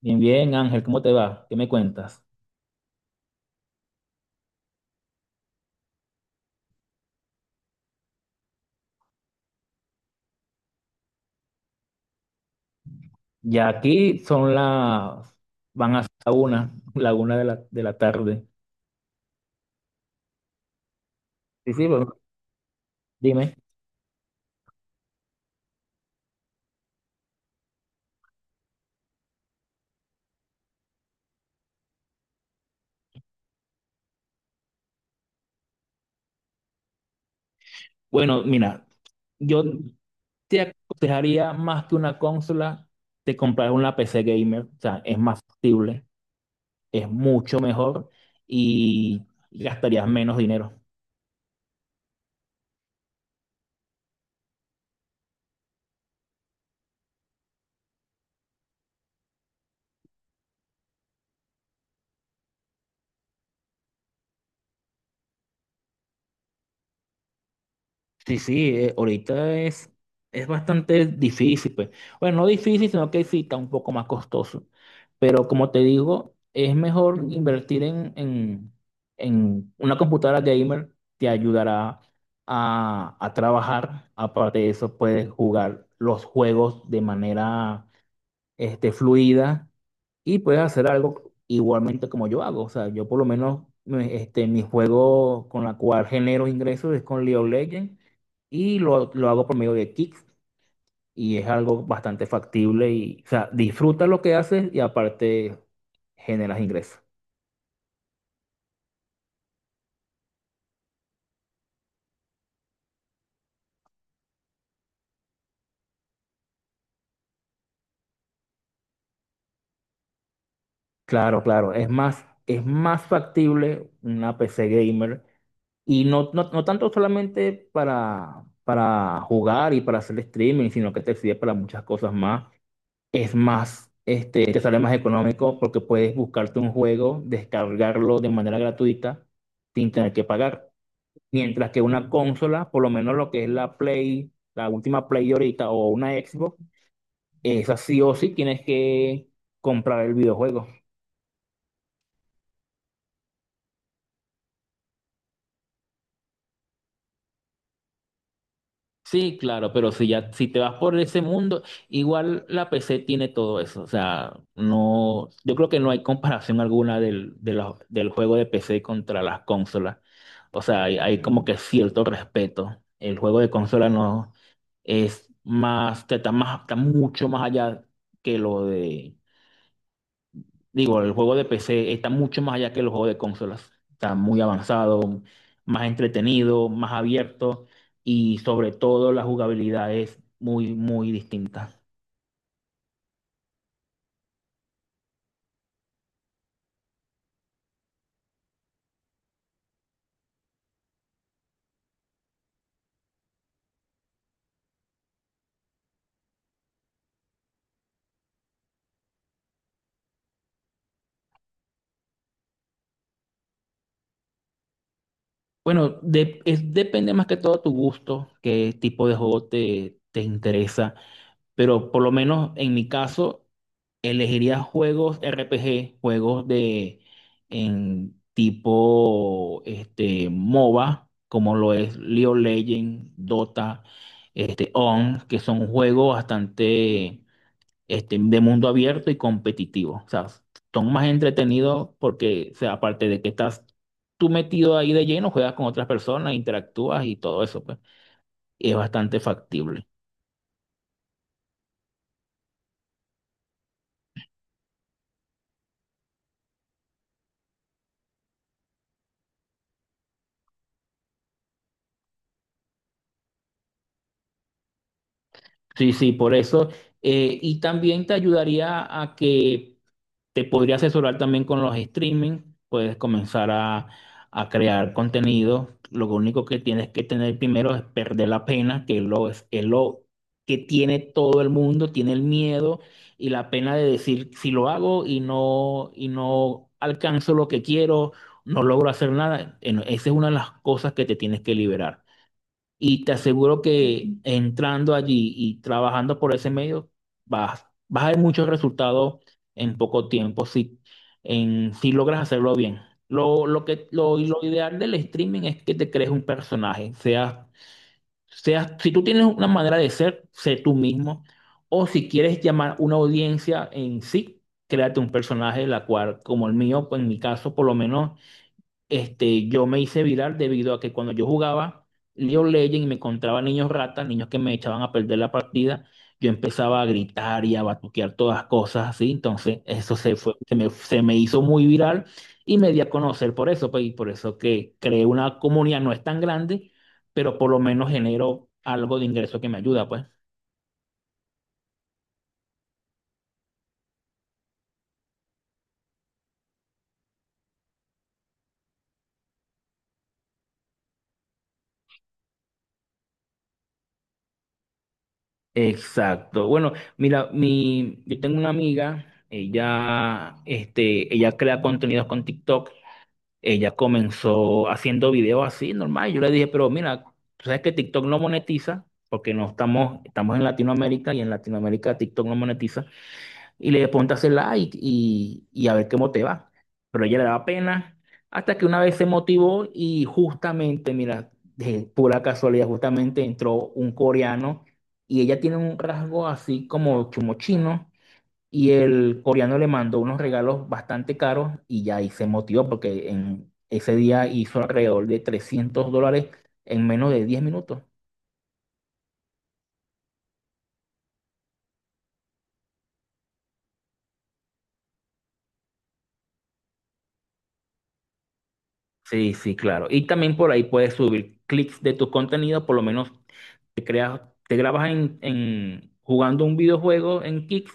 Bien, bien, Ángel, ¿cómo te va? ¿Qué me cuentas? Ya aquí van a ser la una, la una de la tarde. Sí, sí, bueno, dime. Bueno, mira, yo te aconsejaría más que una consola, te comprar una PC gamer, o sea, es más factible, es mucho mejor y gastarías menos dinero. Sí, sí, ahorita es bastante difícil, pues. Bueno, no difícil, sino que sí está un poco más costoso. Pero como te digo, es mejor invertir en una computadora gamer, te ayudará a trabajar. Aparte de eso, puedes jugar los juegos de manera fluida y puedes hacer algo igualmente como yo hago. O sea, yo por lo menos mi juego con la cual genero ingresos es con League of Legends y lo hago por medio de Kicks, y es algo bastante factible y, o sea, disfruta lo que haces y aparte generas ingresos. Claro, claro, es más factible una P C gamer, y no tanto solamente para jugar y para hacer streaming, sino que te sirve para muchas cosas más. Es más, te sale más económico porque puedes buscarte un juego, descargarlo de manera gratuita sin tener que pagar. Mientras que una consola, por lo menos lo que es la Play, la última Play ahorita, o una Xbox, esa sí o sí tienes que comprar el videojuego. Sí, claro, pero si te vas por ese mundo, igual la PC tiene todo eso. O sea, no, yo creo que no hay comparación alguna del juego de PC contra las consolas. O sea, hay como que cierto respeto. El juego de consola no es más, está mucho más allá que lo de. Digo, el juego de PC está mucho más allá que los juegos de consolas. Está muy avanzado, más entretenido, más abierto, y sobre todo la jugabilidad es muy, muy distinta. Bueno, depende más que todo tu gusto, qué tipo de juego te interesa. Pero por lo menos en mi caso, elegiría juegos RPG, juegos de en tipo MOBA, como lo es League of Legends, Dota, ON, que son juegos bastante de mundo abierto y competitivo. O sea, son más entretenidos porque, o sea, aparte de que estás tú metido ahí de lleno, juegas con otras personas, interactúas y todo eso, pues, y es bastante factible. Sí, sí, por eso. Y también te ayudaría a que te podría asesorar también con los streaming. Puedes comenzar a crear contenido. Lo único que tienes que tener primero es perder la pena, es lo que tiene todo el mundo, tiene el miedo y la pena de decir si lo hago y no alcanzo lo que quiero, no logro hacer nada. No, esa es una de las cosas que te tienes que liberar. Y te aseguro que entrando allí y trabajando por ese medio, vas a ver muchos resultados en poco tiempo, si logras hacerlo bien. Lo ideal del streaming es que te crees un personaje, seas, si tú tienes una manera de ser, sé tú mismo, o si quieres llamar una audiencia en sí, créate un personaje, la cual, como el mío, pues en mi caso, por lo menos yo me hice viral debido a que cuando yo jugaba League of Legends y me encontraba niños ratas, niños que me echaban a perder la partida, yo empezaba a gritar y a batuquear todas cosas así, entonces eso se fue, se me hizo muy viral, y me di a conocer por eso, pues, y por eso que creé una comunidad, no es tan grande, pero por lo menos genero algo de ingreso que me ayuda, pues. Exacto. Bueno, mira, yo tengo una amiga, ella crea contenidos con TikTok. Ella comenzó haciendo videos así, normal. Yo le dije, pero mira, tú sabes que TikTok no monetiza, porque no estamos, estamos en Latinoamérica, y en Latinoamérica TikTok no monetiza. Y le dije, ponte a hacer like, y a ver cómo te va. Pero a ella le daba pena, hasta que una vez se motivó y justamente, mira, de pura casualidad, justamente entró un coreano, y ella tiene un rasgo así como chumo chino. Y el coreano le mandó unos regalos bastante caros, y ya ahí se motivó porque en ese día hizo alrededor de $300 en menos de 10 minutos. Sí, sí, claro. Y también por ahí puedes subir clics de tu contenido. Por lo menos te creas, te grabas jugando un videojuego en Kick,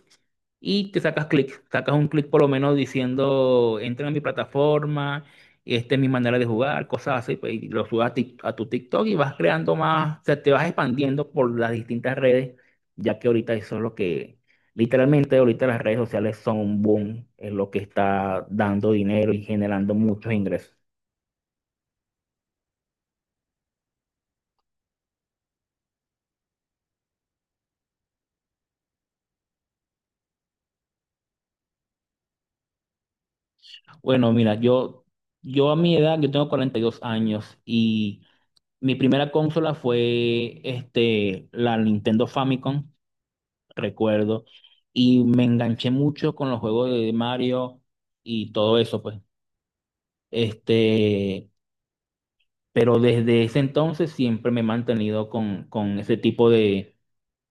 y te sacas clic, sacas un clic por lo menos diciendo, entra a mi plataforma, esta es mi manera de jugar, cosas así, pues, y lo subas a tu TikTok, y vas creando más, o sea, te vas expandiendo por las distintas redes, ya que ahorita eso es lo que, literalmente ahorita las redes sociales son un boom, es lo que está dando dinero y generando muchos ingresos. Bueno, mira, yo a mi edad, yo tengo 42 años, y... Mi primera consola fue la Nintendo Famicom, recuerdo, y me enganché mucho con los juegos de Mario y todo eso, pues. Este, pero desde ese entonces siempre me he mantenido con ese tipo de,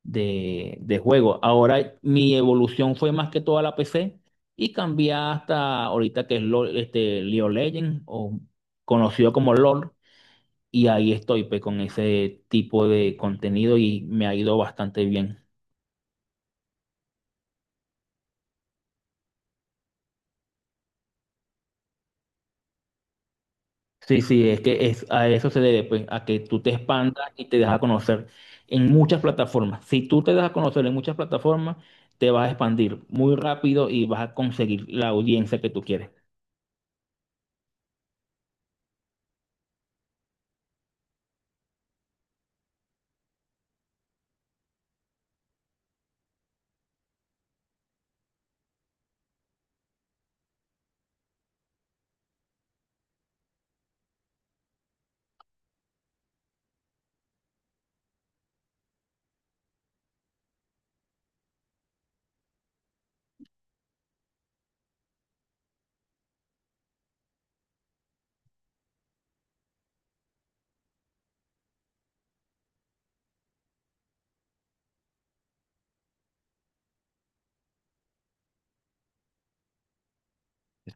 de, de juego. Ahora mi evolución fue más que toda la PC, y cambié hasta ahorita que es LOL, League of Legends, o conocido como LOL. Y ahí estoy pues, con ese tipo de contenido, y me ha ido bastante bien. Sí, sí, es que es, a eso se debe, pues, a que tú te expandas y te dejas a conocer en muchas plataformas. Si tú te das a conocer en muchas plataformas, te vas a expandir muy rápido y vas a conseguir la audiencia que tú quieres.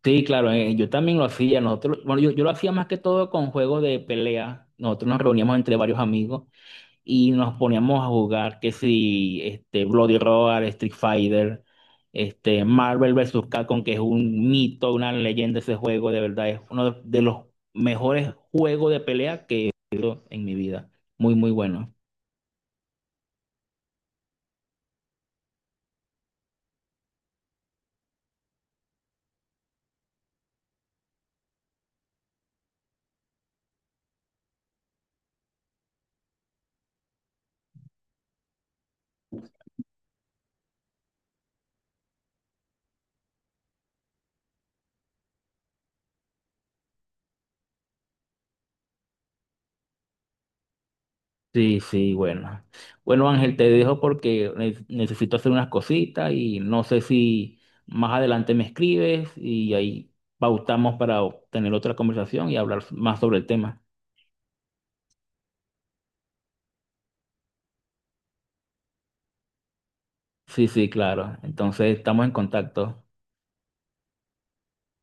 Sí, claro, yo también lo hacía. Nosotros, bueno, yo lo hacía más que todo con juegos de pelea. Nosotros nos reuníamos entre varios amigos y nos poníamos a jugar que si este Bloody Roar, Street Fighter, este Marvel vs. Capcom, que es un mito, una leyenda ese juego. De verdad es uno de los mejores juegos de pelea que en mi vida. Muy, muy bueno. Sí, sí, bueno. Bueno, Ángel, te dejo porque necesito hacer unas cositas, y no sé si más adelante me escribes y ahí pautamos para tener otra conversación y hablar más sobre el tema. Sí, sí, claro. Entonces estamos en contacto.